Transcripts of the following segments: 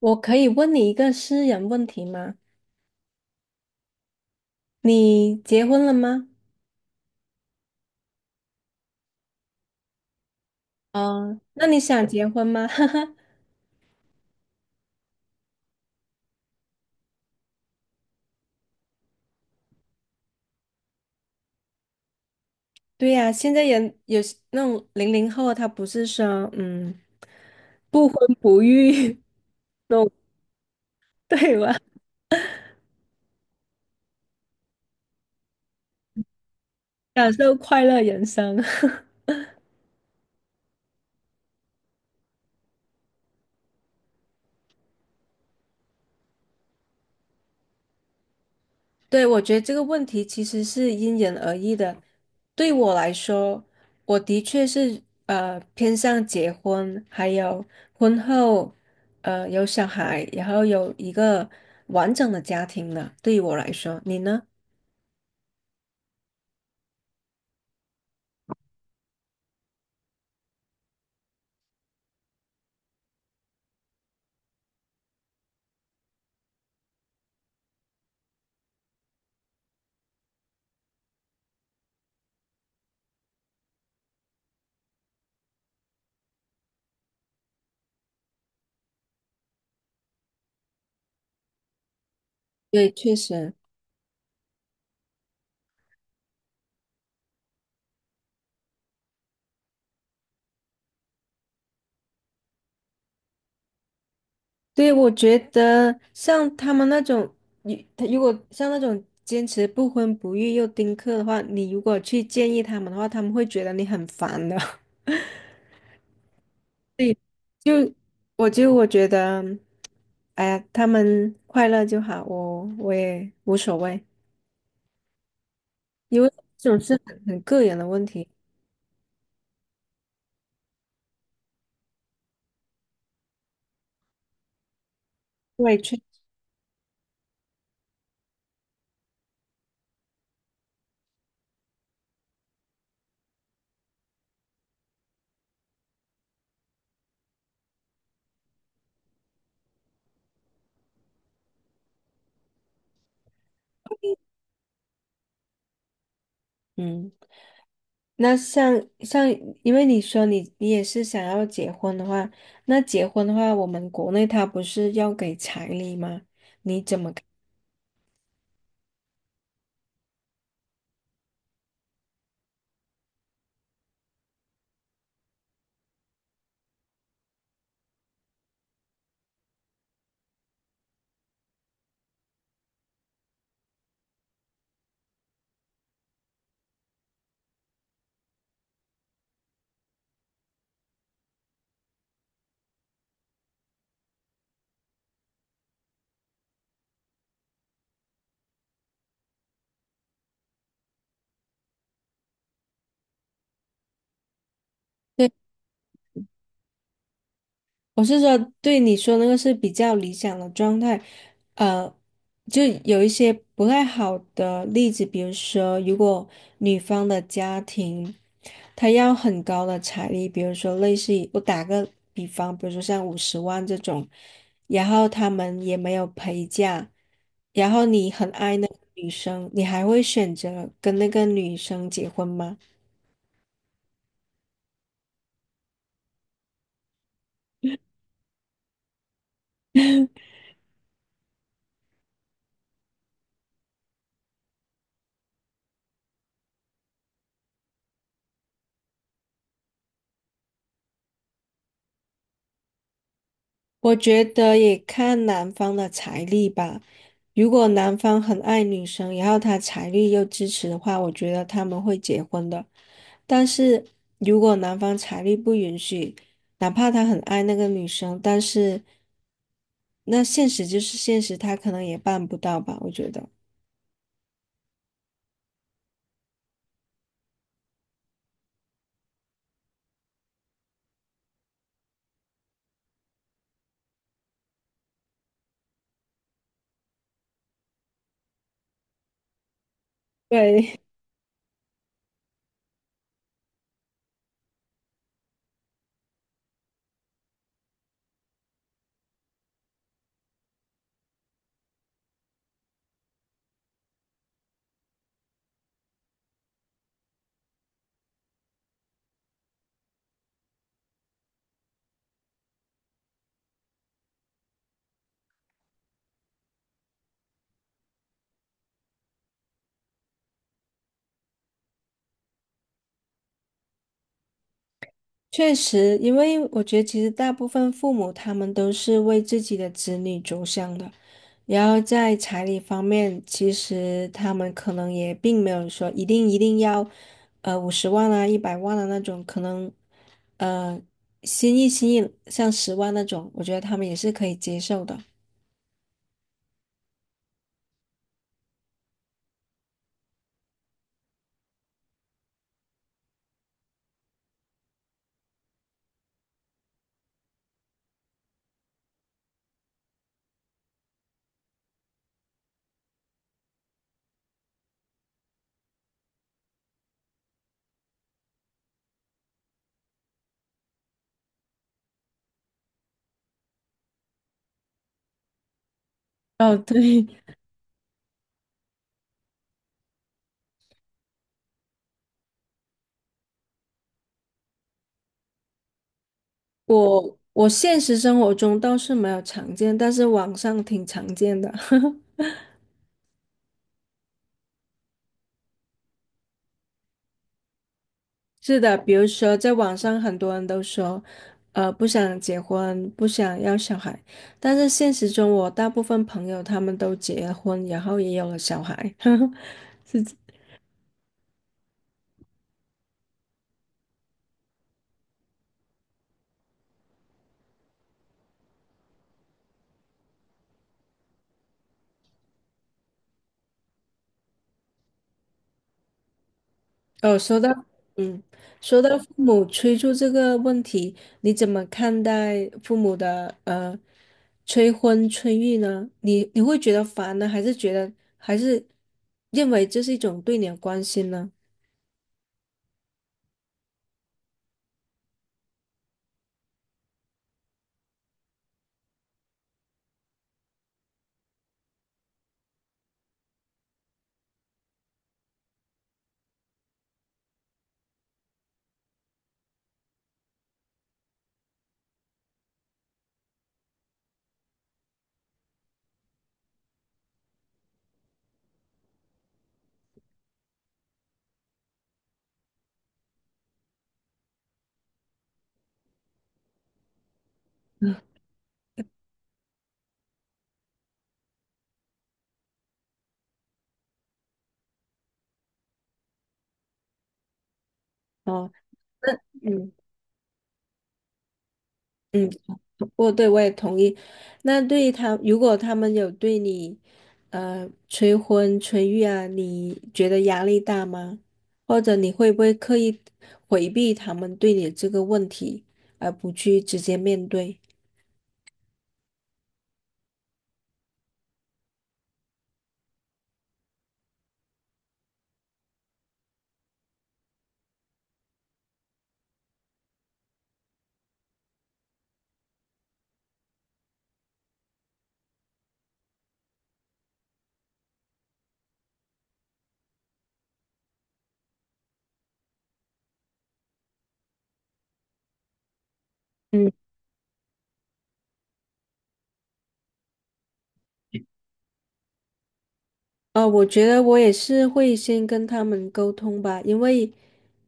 我可以问你一个私人问题吗？你结婚了吗？嗯，那你想结婚吗？哈哈，对呀，现在人有些那种00后，他不是说不婚不育 那种，对吧？享受快乐人生。对，我觉得这个问题其实是因人而异的。对我来说，我的确是偏向结婚，还有婚后有小孩，然后有一个完整的家庭的。对于我来说，你呢？对，确实，对，我觉得像他们那种，你他如果像那种坚持不婚不育又丁克的话，你如果去建议他们的话，他们会觉得你很烦的。对，就我觉得，哎呀，他们快乐就好，我也无所谓，因为这种是很个人的问题。对，嗯，那像，因为你说你也是想要结婚的话，那结婚的话，我们国内他不是要给彩礼吗？我是说，对你说那个是比较理想的状态，呃，就有一些不太好的例子，比如说，如果女方的家庭，她要很高的彩礼，比如说类似于我打个比方，比如说像五十万这种，然后他们也没有陪嫁，然后你很爱那个女生，你还会选择跟那个女生结婚吗？我觉得也看男方的财力吧。如果男方很爱女生，然后他财力又支持的话，我觉得他们会结婚的。但是如果男方财力不允许，哪怕他很爱那个女生，但是那现实就是现实，他可能也办不到吧，我觉得。对。确实，因为我觉得其实大部分父母他们都是为自己的子女着想的，然后在彩礼方面，其实他们可能也并没有说一定一定要，五十万啊、100万的那种，可能，呃，心意心意像十万那种，我觉得他们也是可以接受的。哦，对，我现实生活中倒是没有常见，但是网上挺常见的。是的，比如说在网上很多人都说，不想结婚，不想要小孩，但是现实中我大部分朋友他们都结婚，然后也有了小孩。是这哦，说到，嗯，说到父母催促这个问题，你怎么看待父母的催婚催育呢？你会觉得烦呢，还是觉得还是认为这是一种对你的关心呢？哦，那。嗯。嗯，我也同意。那对于他，如果他们有对你，催婚催育啊，你觉得压力大吗？或者你会不会刻意回避他们对你这个问题，而不去直接面对？嗯。我觉得我也是会先跟他们沟通吧，因为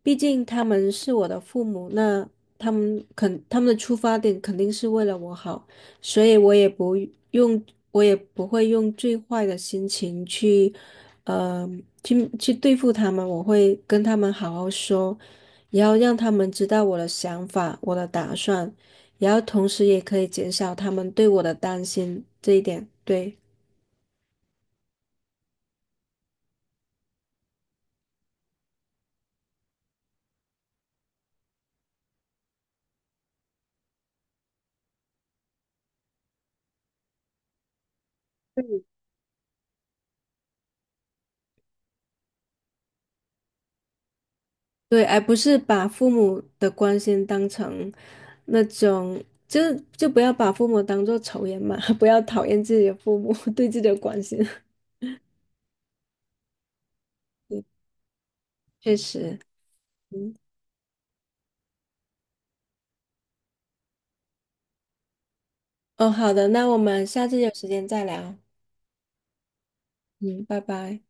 毕竟他们是我的父母，那他们的出发点肯定是为了我好，所以用，我也不会用最坏的心情去，呃，去对付他们，我会跟他们好好说，然后让他们知道我的想法、我的打算，然后同时也可以减少他们对我的担心，这一点，对。对，而不是把父母的关心当成那种，就就不要把父母当做仇人嘛，不要讨厌自己的父母 对自己的关心。嗯，确实，嗯，哦，好的，那我们下次有时间再聊，嗯，拜拜。